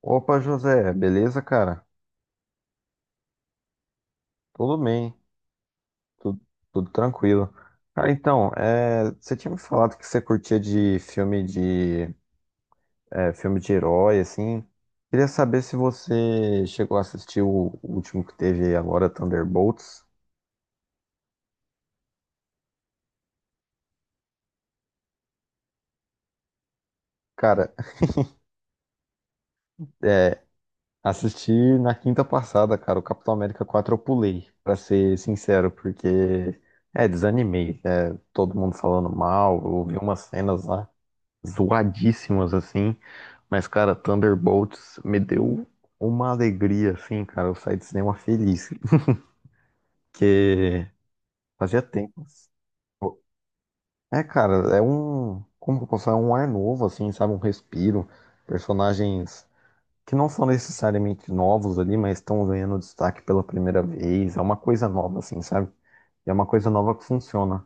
Opa, José, beleza, cara? Tudo bem, tudo, tudo tranquilo. Cara, então, você tinha me falado que você curtia de filme de herói, assim. Queria saber se você chegou a assistir o último que teve agora, Thunderbolts. Cara, é, assisti na quinta passada, cara, o Capitão América 4 eu pulei, pra ser sincero, porque desanimei. É, todo mundo falando mal, eu vi umas cenas lá zoadíssimas assim, mas cara, Thunderbolts me deu uma alegria assim, cara, eu saí do cinema feliz, porque fazia tempo. É, cara, como que eu posso falar, é um ar novo assim, sabe, um respiro, personagens que não são necessariamente novos ali, mas estão ganhando destaque pela primeira vez, é uma coisa nova assim, sabe? E é uma coisa nova que funciona.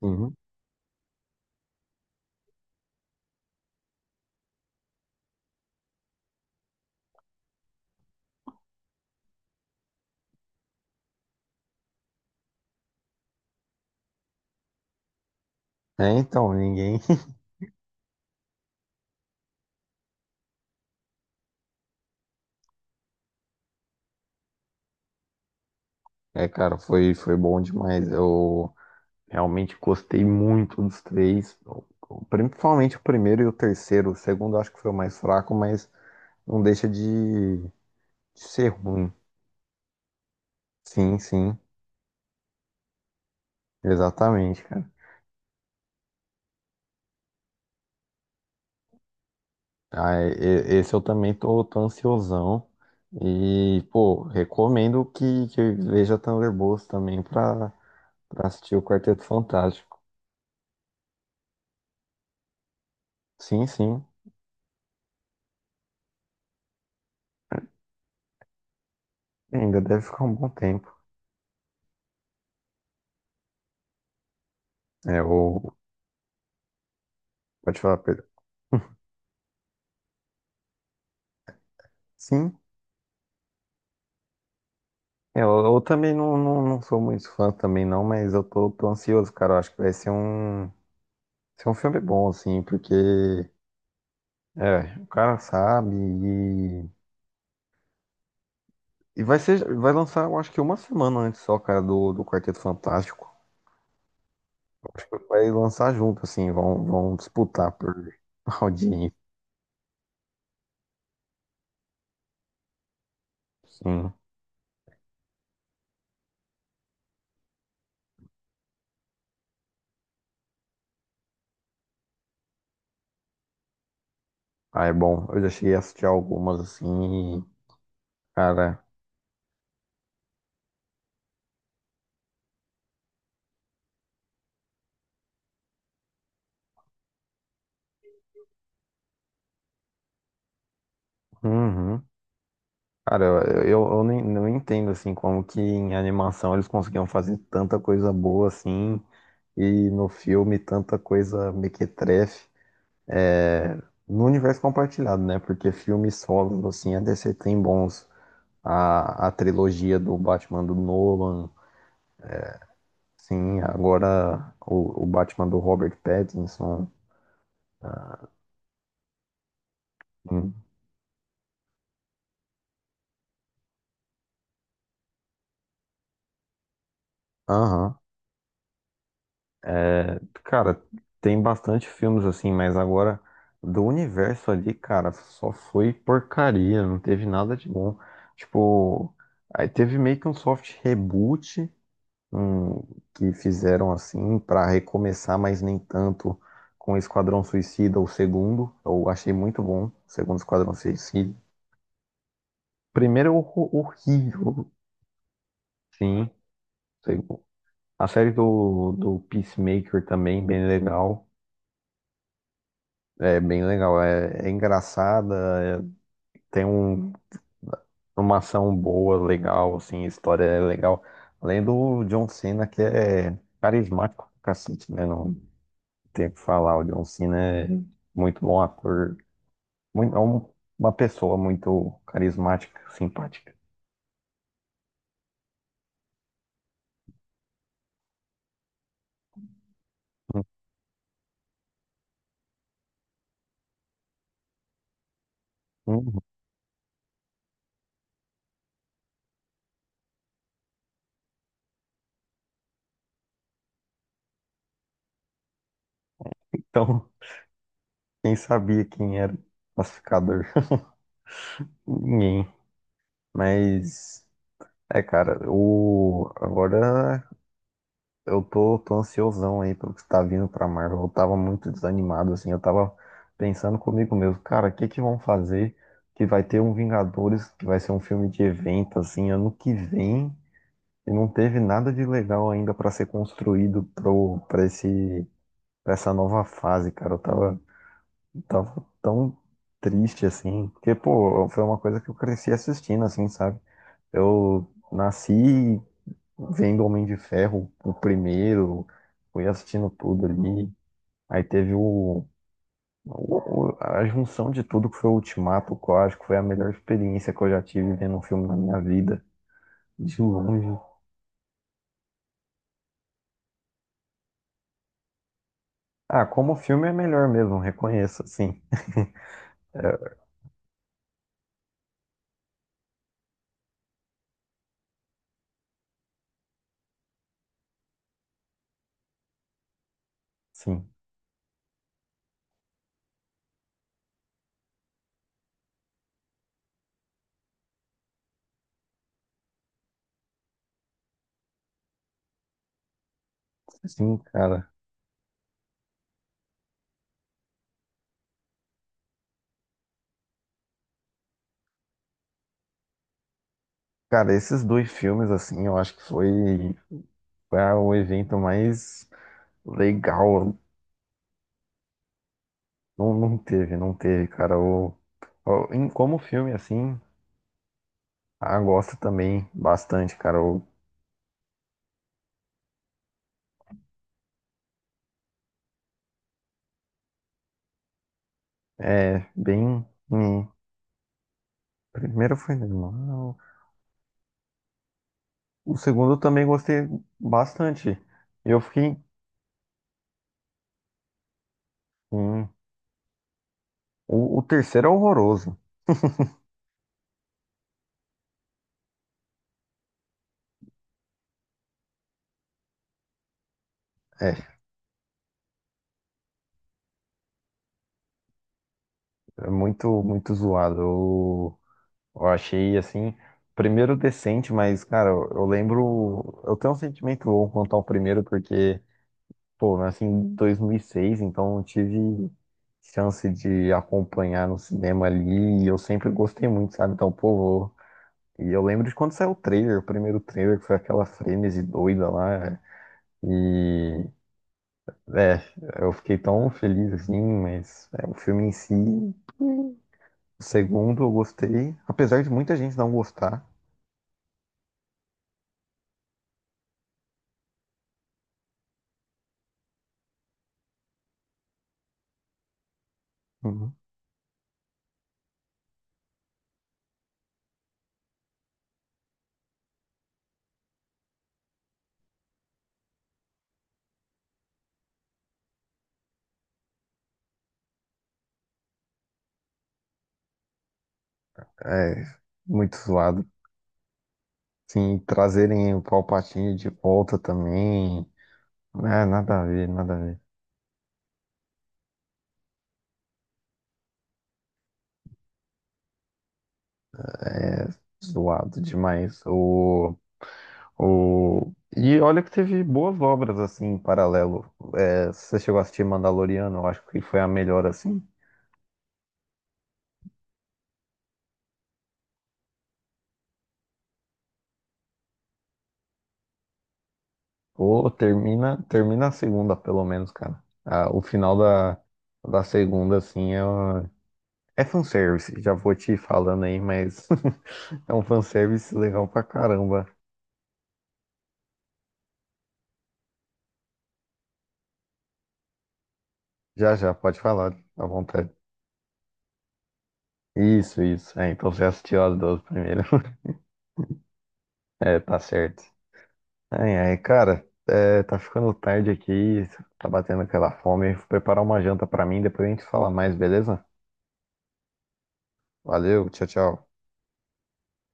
Uhum. É, então, ninguém. É, cara, foi bom demais. Eu realmente gostei muito dos três, principalmente o primeiro e o terceiro. O segundo eu acho que foi o mais fraco, mas não deixa de ser ruim. Sim, sim, exatamente, cara. Ah, esse eu também tô ansiosão. E, pô, recomendo que veja Thunderbolts também pra assistir o Quarteto Fantástico. Sim, sim, ainda deve ficar um bom tempo. É, o... Pode falar, Pedro. Sim. É, eu também não sou muito fã também não, mas eu tô ansioso, cara. Eu acho que vai ser ser um filme bom, assim, porque é, o cara sabe e vai ser, vai lançar, eu acho que uma semana antes só, cara, do Quarteto Fantástico. Eu acho que vai lançar junto, assim, vão disputar por audiência, sim. Ah, é bom. Eu já cheguei a assistir algumas, assim, e, cara. Uhum. Cara, eu nem, não entendo assim como que em animação eles conseguiam fazer tanta coisa boa assim e no filme tanta coisa mequetrefe é, no universo compartilhado, né? Porque filmes solos assim a DC tem bons. A trilogia do Batman do Nolan, sim, agora o Batman do Robert Pattinson. Hum. Aham. Cara, tem bastante filmes assim, mas agora do universo ali, cara, só foi porcaria, não teve nada de bom. Tipo, aí teve meio que um soft reboot, um, que fizeram assim pra recomeçar, mas nem tanto com Esquadrão Suicida, o segundo. Eu achei muito bom, o segundo Esquadrão Suicida. Primeiro é horrível, sim. Segu- A série do Peacemaker também, bem legal. É bem legal, é, é engraçada, é- tem um, uma ação boa, legal, assim, a história é legal. Além do John Cena, que é carismático pra cacete, né? Não tem o que falar, o John Cena é muito bom ator, muito, uma pessoa muito carismática, simpática. Hum, Então, quem sabia quem era o classificador? Ninguém. Mas, é, cara, o, agora eu tô ansiosão aí pelo que tá vindo pra Marvel. Eu tava muito desanimado, assim. Eu tava pensando comigo mesmo, cara, o que que vão fazer que vai ter um Vingadores, que vai ser um filme de evento, assim, ano que vem, e não teve nada de legal ainda pra ser construído pra pra essa nova fase, cara. Tava tão triste, assim, porque, pô, foi uma coisa que eu cresci assistindo, assim, sabe? Eu nasci vendo Homem de Ferro, o primeiro, fui assistindo tudo ali. Aí teve a junção de tudo que foi o Ultimato, que eu acho que foi a melhor experiência que eu já tive vendo um filme na minha vida, de longe. Ah, como filme é melhor mesmo, reconheço, sim, sim, cara. Cara, esses dois filmes, assim, eu acho que foi o evento mais legal. Não teve, cara. Como filme, assim. Ah, gosto também bastante, cara. É bem. Hum, primeiro foi normal. O segundo eu também gostei bastante. Eu fiquei. Hum, o terceiro é horroroso. É, é muito zoado. Eu achei assim. Primeiro decente, mas, cara, eu lembro. Eu tenho um sentimento bom quanto ao primeiro, porque, pô, eu nasci em 2006, então eu tive chance de acompanhar no cinema ali e eu sempre gostei muito, sabe? Então, pô, vou. E eu lembro de quando saiu o trailer, o primeiro trailer, que foi aquela frenesi doida lá. E. É, eu fiquei tão feliz assim, mas é, o filme em si. O segundo eu gostei, apesar de muita gente não gostar. Uhum. É muito zoado. Sim, trazerem o Palpatine de volta também. Ah, nada a ver, nada a ver. É zoado demais. O. O... E olha que teve boas obras assim em paralelo. É, você chegou a assistir Mandaloriano, eu acho que foi a melhor assim. Ou termina, termina a segunda, pelo menos, cara. Ah, o final da segunda, assim, é, é fanservice. Já vou te falando aí, mas é um fanservice legal pra caramba. Já já, pode falar, à vontade. Isso, isso. É, então você assistiu as duas primeiras. É, tá certo. Ai, ai, cara, é, tá ficando tarde aqui, tá batendo aquela fome. Vou preparar uma janta pra mim, depois a gente fala mais, beleza? Valeu, tchau, tchau.